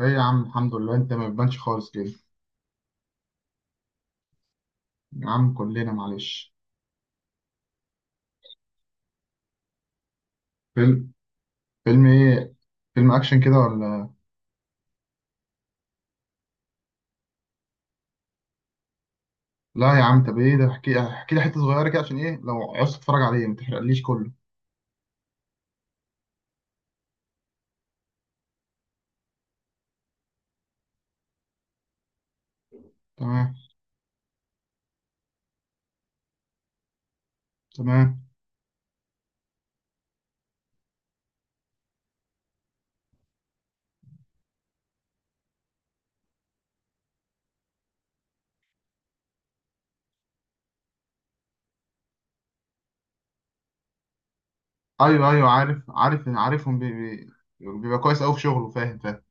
ايه يا عم، الحمد لله. انت ما بتبانش خالص كده. يا عم كلنا معلش. فيلم؟ فيلم ايه؟ فيلم اكشن كده ولا؟ لا يا عم، طب ايه ده، احكي لي حته صغيره كده، عشان ايه لو عايز تتفرج عليه ما تحرقليش كله. تمام. تمام. ايوه، ايوه، عارف عارفهم، بي بي. بيبقى كويس قوي في شغله. فاهم، فاهم.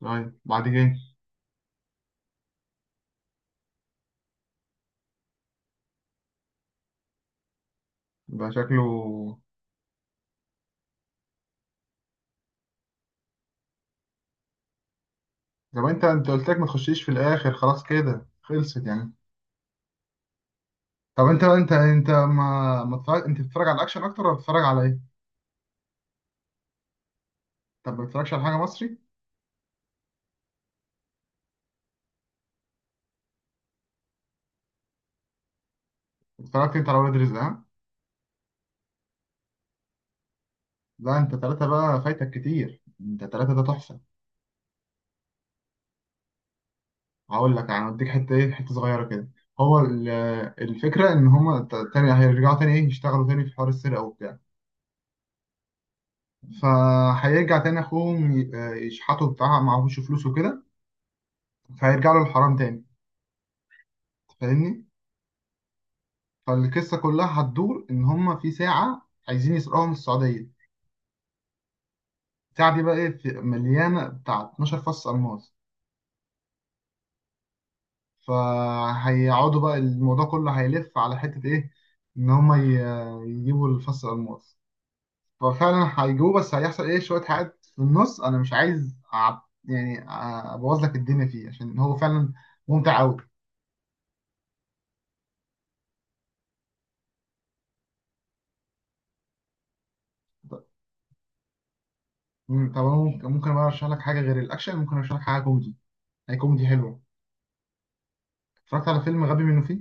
طيب بعد كده. يبقى شكله. طب انت قلت لك ما تخشيش في الاخر، خلاص كده خلصت يعني. طب انت ما ما تتفرج... انت بتتفرج على الاكشن اكتر ولا بتتفرج على ايه؟ طب ما بتتفرجش على حاجه مصري؟ اتفرجت انت على ولاد رزق؟ ها؟ لا انت ثلاثة بقى فايتك كتير، انت ثلاثة ده تحفة. هقول لك يعني، اديك حتة ايه، حتة صغيرة كده. هو الفكرة ان هما تاني هيرجعوا تاني ايه يشتغلوا تاني في حوار السرقة وبتاع. فهيرجع تاني اخوهم يشحتوا بتاع، معهوش فلوس وكده. فهيرجع له الحرام تاني. فاهمني؟ فالقصة كلها هتدور ان هما في ساعة عايزين يسرقوها من السعودية. الساعة دي بقى ايه مليانة بتاع 12 فص ألماس. فهيقعدوا بقى، الموضوع كله هيلف على حتة إيه، إن هما يجيبوا الفص الألماس. ففعلا هيجيبوه، بس هيحصل إيه شوية حاجات في النص، أنا مش عايز أعب يعني، أبوظ لك الدنيا فيه، عشان هو فعلا ممتع أوي. طب طب أنا ممكن، بقى أرشح لك حاجة غير الأكشن، ممكن أرشح لك حاجة كوميدي. هي كوميدي حلوة. اتفرجت على فيلم غبي منه فيه.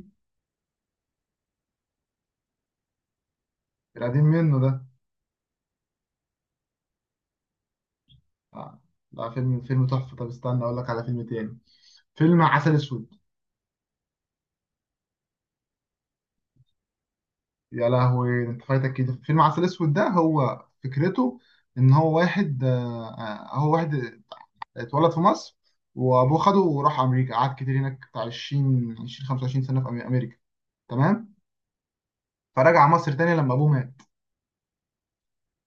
القديم منه ده. آه، لا، فيلم تحفة. طب استنى أقول لك على فيلم تاني. فيلم عسل أسود. يا لهوي، انت فايتك كده. فيلم عسل اسود ده هو فكرته ان هو واحد، هو واحد اتولد في مصر، وابوه خده وراح امريكا، قعد كتير هناك بتاع 20 20 25 سنه في امريكا. تمام. فرجع مصر تاني لما ابوه مات.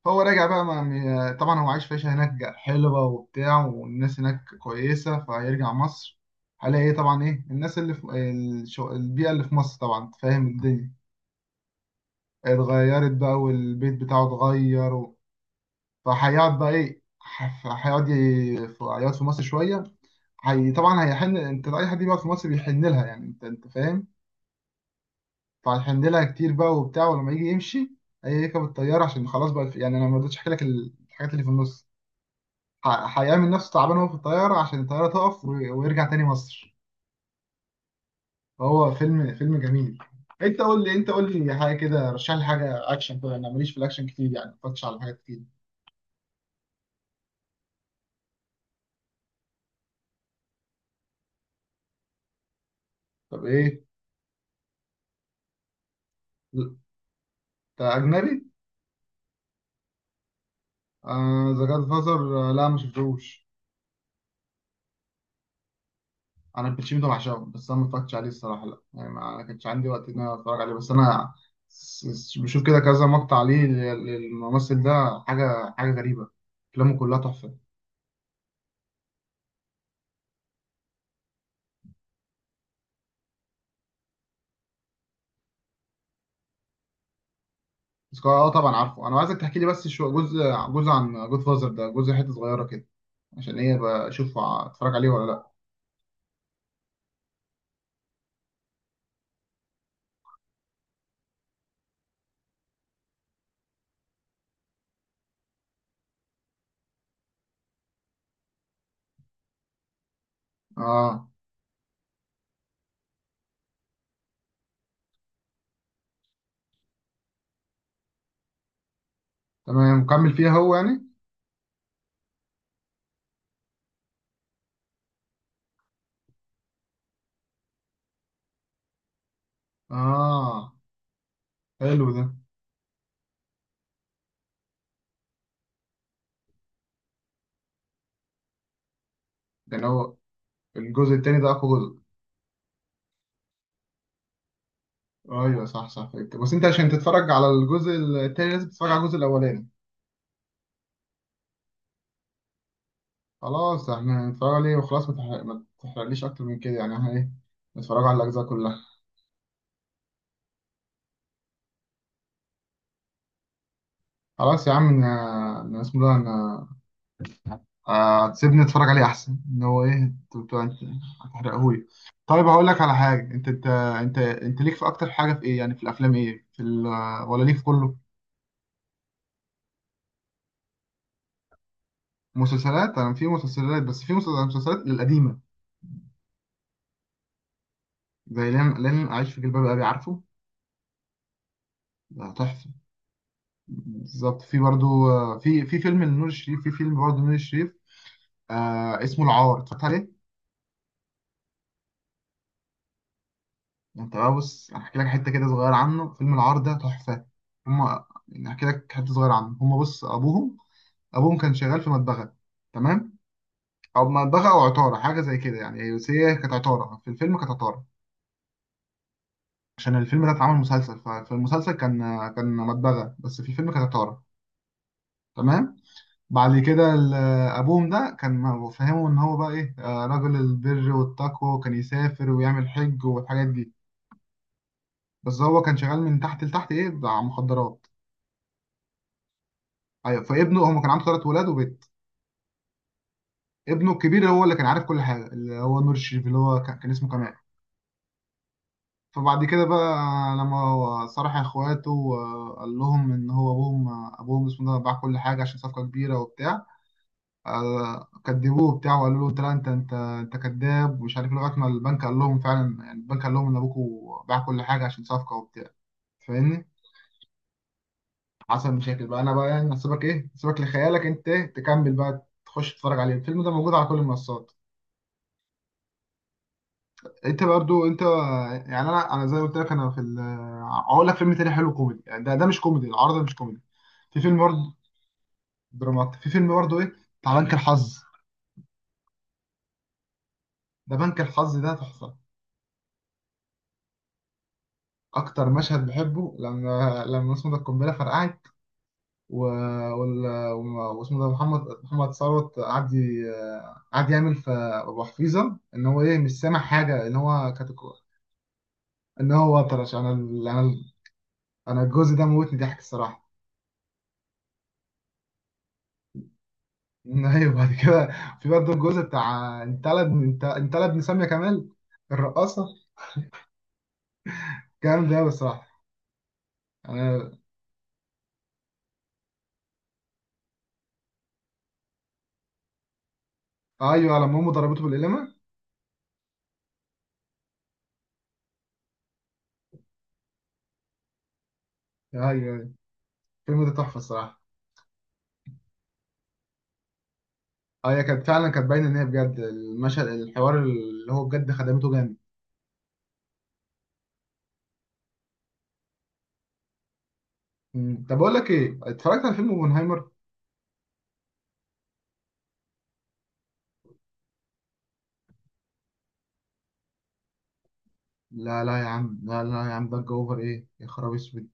فهو راجع بقى طبعا هو عايش في عيشه هناك حلوه وبتاع، والناس هناك كويسه، فهيرجع مصر، هلاقي ايه، طبعا ايه الناس اللي في البيئه اللي في مصر، طبعا أنت فاهم الدنيا اتغيرت بقى، والبيت بتاعه اتغير. فهيقعد بقى ايه هيقعد في مصر شويه. هي طبعا هيحن، انت اي حد بيقعد في مصر بيحن لها يعني، انت فاهم. فهيحن لها كتير بقى وبتاع، ولما يجي يمشي هيركب الطياره، عشان خلاص بقى، يعني انا ما رضيتش احكي لك الحاجات اللي في النص. هيعمل نفسه تعبان وهو في الطياره عشان الطياره تقف ويرجع تاني مصر. فهو فيلم جميل. انت قول لي حاجه كده، رشح لي حاجه اكشن كده، انا ماليش في الاكشن كتير يعني، ما اتفرجتش على حاجات كتير. طب ايه؟ انت اجنبي؟ آه ذا جاد فازر، لا ما شفتهوش. انا الباتشينو ده بعشقه، بس انا ما اتفرجتش عليه الصراحه، لا يعني ما كانش عندي وقت ان انا اتفرج عليه، بس انا بشوف كده كذا مقطع عليه، للممثل ده، حاجه غريبه، افلامه كلها تحفه. بس اه طبعا عارفه، انا عايزك تحكي لي بس شو جزء، جزء عن جود فازر ده، جزء حته صغيره كده، عشان ايه، بشوف اتفرج عليه ولا لا. اه تمام، مكمل فيها هو يعني. اه حلو ده. يعني هو الجزء التاني ده اقوى جزء؟ ايوه، صح، صح، فهمت. بس انت عشان تتفرج على الجزء التاني لازم تتفرج على الجزء الاولاني. خلاص، احنا هنتفرج عليه وخلاص، ما تحرقليش اكتر من كده يعني، احنا ايه نتفرج على الاجزاء كلها. خلاص يا عم، انا اسمه ده انا، سيبني اتفرج عليه احسن، ان هو ايه، انت هتحرقهولي. طيب هقول لك على حاجه، انت ليك في اكتر حاجه في ايه يعني، في الافلام ايه، في ولا ليك في كله؟ مسلسلات. انا في مسلسلات، بس في مسلسلات القديمه، زي لن اعيش في جلباب ابي، عارفه؟ ده تحفه. بالظبط في برضو، في فيلم لنور الشريف، في فيلم برضو نور الشريف، اسمه العار، اتفرجت عليه؟ انت بقى بص، احكي لك حته كده صغيره عنه. فيلم العار ده تحفه. هما يعني، احكي لك حته صغيره عنه، هما بص ابوهم، كان شغال في مدبغه. تمام. او مدبغه او عطاره حاجه زي كده يعني، بس هي كانت عطاره، في الفيلم كانت عطاره، عشان الفيلم ده اتعمل مسلسل، ففي المسلسل كان، مدبغه، بس في الفيلم كانت عطاره. تمام. بعد كده ابوهم ده كان فهمه ان هو بقى ايه، رجل البر والتقوى، وكان يسافر ويعمل حج والحاجات دي، بس هو كان شغال من تحت لتحت ايه بتاع مخدرات. ايوه، فابنه هو كان عنده 3 ولاد وبنت. ابنه الكبير هو اللي كان عارف كل حاجه، اللي هو نور الشريف، اللي هو كان اسمه كمال. فبعد كده بقى لما هو صرح اخواته وقال لهم ان هو ابوهم، ابوهم اسمه ده باع كل حاجه عشان صفقه كبيره وبتاع، كدبوه بتاعه وقالوا له انت لا، انت كذاب ومش عارف إيه، لغايه ما البنك قال لهم فعلا يعني، البنك قال لهم ان ابوكوا باع كل حاجه عشان صفقه وبتاع. فاهمني. حصل مشاكل بقى، انا بقى يعني هسيبك ايه، هسيبك لخيالك انت، تكمل بقى، تخش تتفرج عليه، الفيلم ده موجود على كل المنصات. انت برضو انت، يعني انا زي ما قلت لك، انا في هقول لك فيلم تاني حلو كوميدي يعني، ده مش كوميدي، العرض ده مش كوميدي. في فيلم برضه، درامات، في فيلم برضه ايه، بتاع بنك الحظ. ده بنك الحظ ده تحفه. اكتر مشهد بحبه لما اسمه ده القنبله فرقعت، و... واسمه ده محمد، ثروت قعد قعد يعمل في ابو حفيظه ان هو ايه مش سامع حاجه، ان هو كانت، ان هو وطرش. انا الجزء ده موتني ضحك الصراحه. ايوه بعد كده، في برضه الجزء بتاع انت، لا ابن ساميه كمال الرقاصه. جامد ده بصراحه. انا. ايوه، لما امه ضربته بالقلمه. ايوه، أيوة. الفيلم ده تحفه الصراحه. اه هي كانت فعلا، كانت باينه ان هي بجد، المشهد، الحوار اللي هو بجد خدمته جامد. مم. طب اقول لك ايه، اتفرجت على فيلم اوبنهايمر؟ لا، لا يا عم، لا، لا يا عم، ضجه اوفر ايه يا خراب اسود.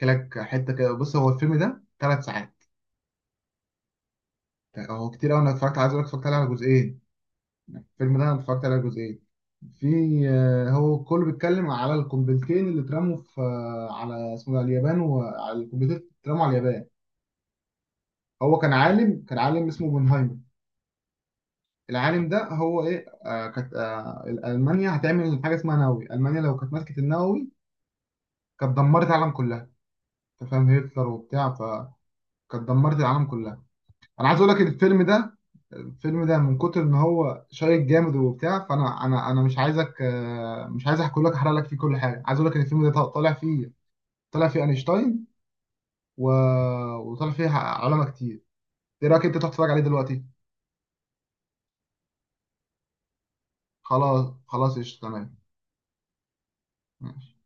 كلك حته كده، بص هو الفيلم ده 3 ساعات. هو كتير قوي، انا اتفرجت، عايز اقول لك اتفرجت عليه على جزئين، الفيلم ده انا اتفرجت عليه على جزئين. في، هو كله بيتكلم على القنبلتين اللي اترموا في، على اسمه ده اليابان، وعلى القنبلتين اللي اترموا على اليابان. هو كان عالم، كان عالم اسمه اوبنهايمر. العالم ده هو ايه، كانت، المانيا هتعمل حاجه اسمها نووي، المانيا لو كانت مسكت النووي كانت دمرت العالم كلها، انت فاهم هتلر وبتاع، فكانت دمرت العالم كلها. انا عايز اقول لك الفيلم ده، الفيلم ده من كتر ان هو شيق جامد وبتاع، فانا انا مش عايزك، مش عايز احكي لك، احرق لك فيه كل حاجه، عايز اقول لك ان الفيلم ده طالع فيه، طالع فيه اينشتاين و... وطالع فيه علماء كتير. ايه رايك انت تروح تتفرج عليه دلوقتي؟ خلاص، خلاص، قشطة تمام. ماشي.